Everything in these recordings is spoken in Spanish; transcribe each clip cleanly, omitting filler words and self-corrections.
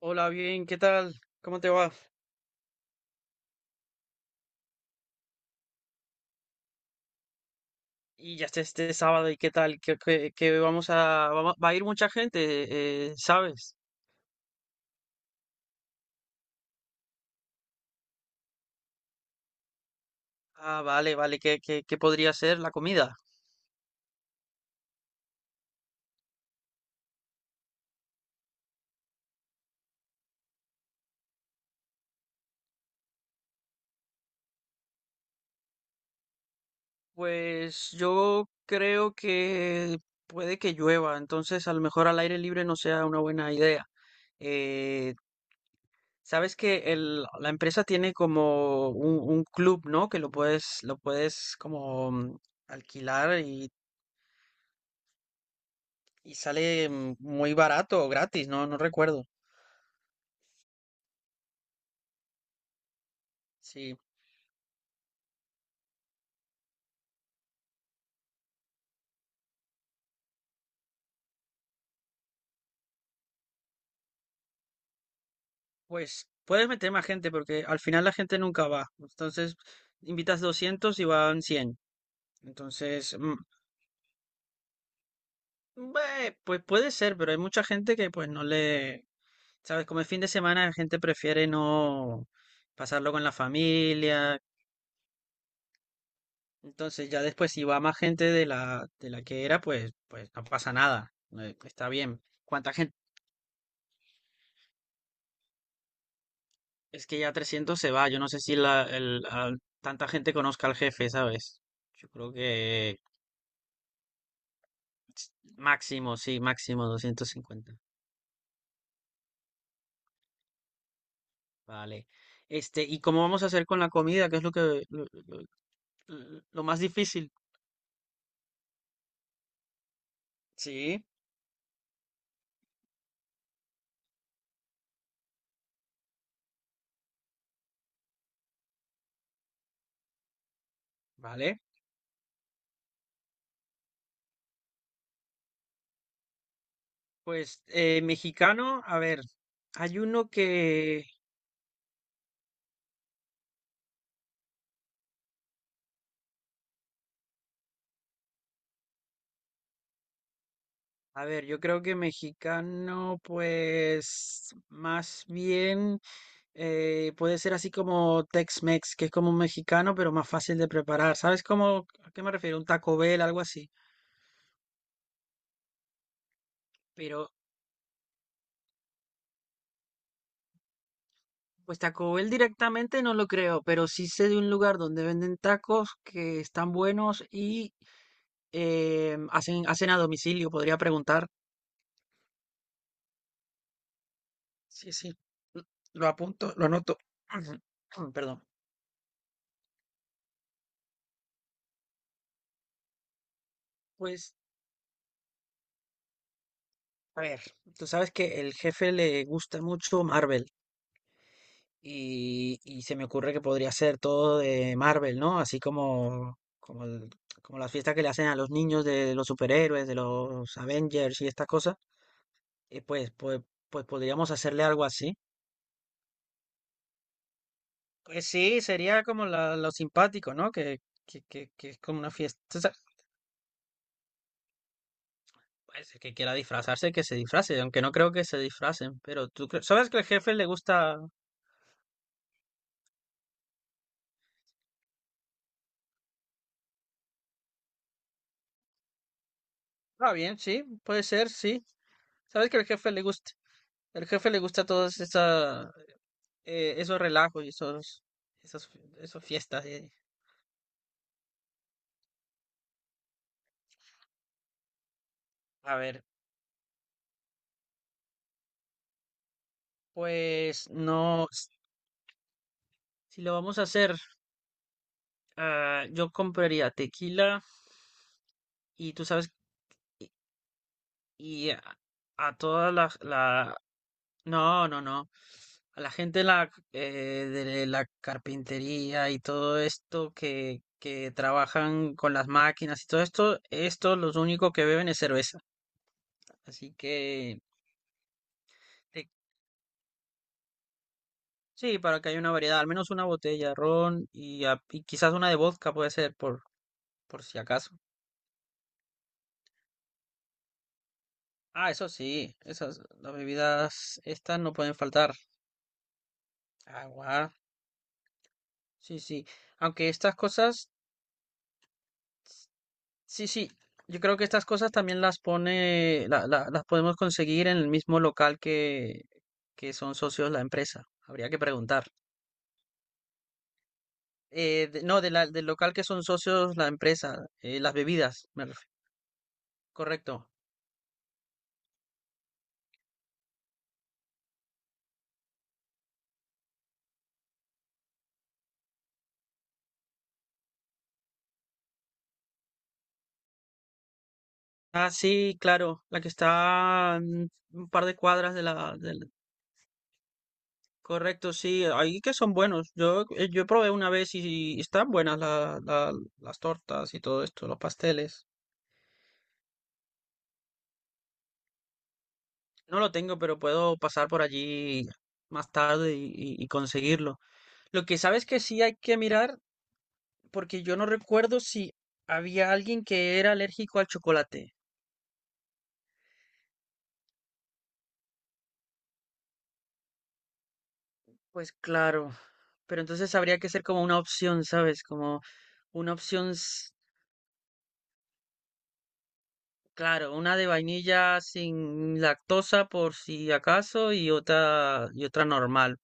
Hola, bien, ¿qué tal? ¿Cómo te va? Y ya está este sábado, ¿y qué tal? Que va a ir mucha gente, ¿sabes? Ah, vale, vale, ¿qué podría ser la comida? Pues yo creo que puede que llueva, entonces a lo mejor al aire libre no sea una buena idea. Eh, sabes que la empresa tiene como un club, ¿no? Que lo puedes como alquilar. Y sale muy barato o gratis, no recuerdo. Sí, pues puedes meter más gente porque al final la gente nunca va. Entonces, invitas 200 y van 100. Entonces, pues puede ser, pero hay mucha gente que pues no le... ¿Sabes? Como es fin de semana, la gente prefiere no pasarlo con la familia. Entonces, ya después si va más gente de la que era, pues no pasa nada. Está bien. ¿Cuánta gente? Es que ya 300 se va. Yo no sé si tanta gente conozca al jefe, ¿sabes? Yo creo que máximo, sí, máximo 250. Vale. Este, ¿y cómo vamos a hacer con la comida? ¿Qué es lo que lo, lo- lo más difícil? Sí, vale. Pues mexicano, a ver, hay uno que... A ver, yo creo que mexicano, pues más bien puede ser así como Tex-Mex, que es como un mexicano, pero más fácil de preparar. ¿Sabes cómo, a qué me refiero? Un Taco Bell, algo así. Pero, pues Taco Bell directamente no lo creo, pero sí sé de un lugar donde venden tacos que están buenos y hacen a domicilio. Podría preguntar. Sí, sí. l- Lo apunto, lo anoto. Perdón. Pues. A ver, tú sabes que el jefe le gusta mucho Marvel y se me ocurre que podría ser todo de Marvel, ¿no? Así como como las fiestas que le hacen a los niños de los superhéroes, de los Avengers y estas cosas. eh, pues, pues, pues podríamos hacerle algo así. Pues sí, sería como lo simpático, ¿no? Que es como una fiesta. O sea... Pues el que quiera disfrazarse, que se disfrace, aunque no creo que se disfracen, pero tú sabes que el jefe le gusta... Ah, bien, sí, puede ser, sí. Sabes que al jefe le gusta todos esa, esos relajos y esos, esos fiestas. A ver, pues no, si lo vamos a hacer, yo compraría tequila y tú sabes, y, y a toda no, no, no, a la gente la, de la carpintería y todo esto que trabajan con las máquinas y todo esto, esto los único que beben es cerveza. Así que... Sí, para que haya una variedad, al menos una botella de ron y, y quizás una de vodka puede ser, por si acaso. Ah, eso sí, esas, las bebidas estas no pueden faltar. Agua, sí, sí. Aunque estas cosas, sí, sí, yo creo que estas cosas también las pone, las podemos conseguir en el mismo local que son socios la empresa. Habría que preguntar. No, del local que son socios la empresa, las bebidas, me refiero. Correcto. Ah, sí, claro, la que está un par de cuadras correcto, sí, ahí que son buenos. Yo, yo probé una vez y están buenas las tortas y todo esto, los pasteles. No lo tengo, pero puedo pasar por allí más tarde y conseguirlo. Lo que sabes que sí hay que mirar, porque yo no recuerdo si había alguien que era alérgico al chocolate. Pues claro, pero entonces habría que ser como una opción, ¿sabes? Como una opción. Claro, una de vainilla sin lactosa por si acaso y otra normal,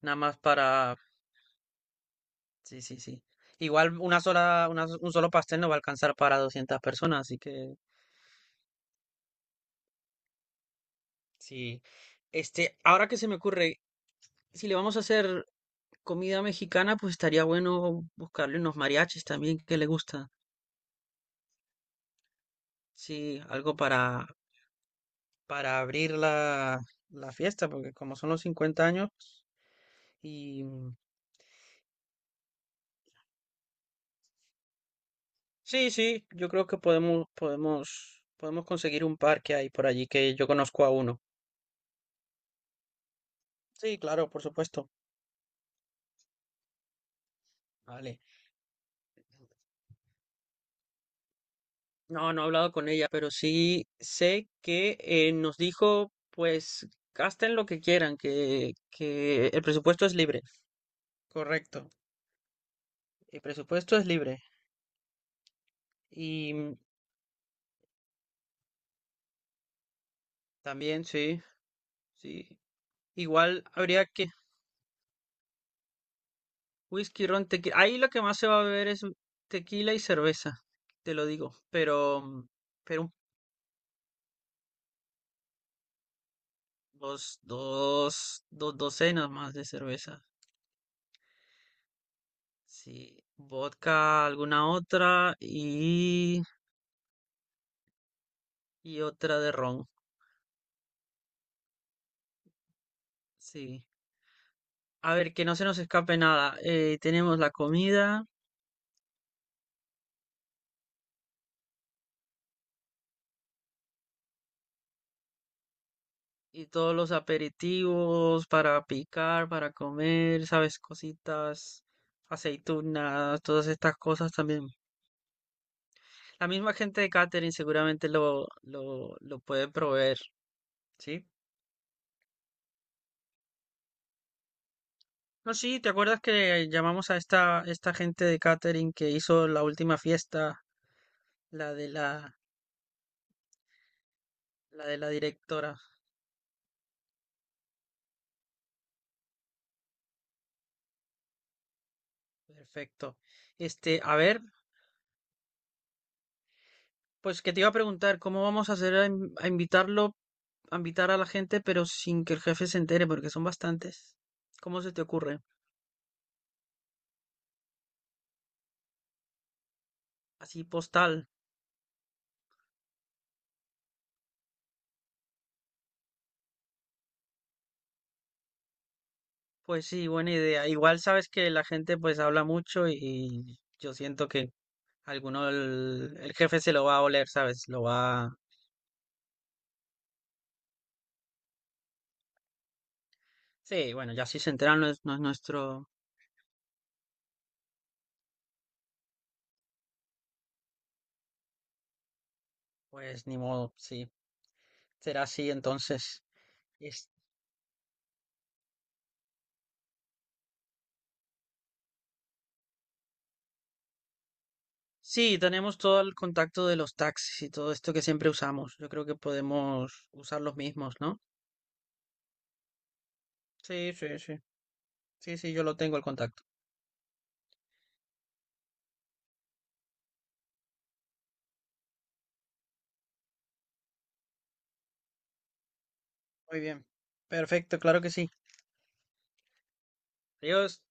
nada más para sí, sí, sí. Igual una sola una s- un solo pastel no va a alcanzar para 200 personas, así que sí. Este, ahora que se me ocurre, si le vamos a hacer comida mexicana, pues estaría bueno buscarle unos mariachis también que le gusta. Sí, algo para abrir la fiesta, porque como son los 50 años y Sí, sí, yo creo que podemos conseguir un par que hay por allí que yo conozco a uno. Sí, claro, por supuesto. Vale. No, no he hablado con ella, pero sí sé que nos dijo, pues, gasten lo que quieran, que el presupuesto es libre. Correcto. El presupuesto es libre. Y también, sí, sí. Igual habría que whisky, ron, tequila. Ahí lo que más se va a beber es tequila y cerveza, te lo digo. Pero un... Dos docenas más de cerveza. Sí, vodka, alguna otra y otra de ron. Sí. A ver, que no se nos escape nada. Tenemos la comida y todos los aperitivos para picar, para comer, sabes, cositas, aceitunas, todas estas cosas también. La misma gente de catering seguramente lo puede proveer, ¿sí? No, sí, ¿te acuerdas que llamamos a esta gente de catering que hizo la última fiesta, la de la, la de la directora? Perfecto. Este, a ver, pues que te iba a preguntar, ¿cómo vamos a hacer a invitar a la gente, pero sin que el jefe se entere, porque son bastantes? ¿Cómo se te ocurre? Así postal. Pues sí, buena idea. Igual sabes que la gente pues habla mucho y yo siento que alguno el jefe se lo va a oler, ¿sabes? Lo va... Sí, bueno, ya si se enteran no es nuestro, pues ni modo, sí, será así entonces. Es- Sí, tenemos todo el contacto de los taxis y todo esto que siempre usamos. Yo creo que podemos usar los mismos, ¿no? Sí, sí, sí. Sí, sí, yo lo tengo el contacto. Muy bien. Perfecto, claro que sí. Adiós.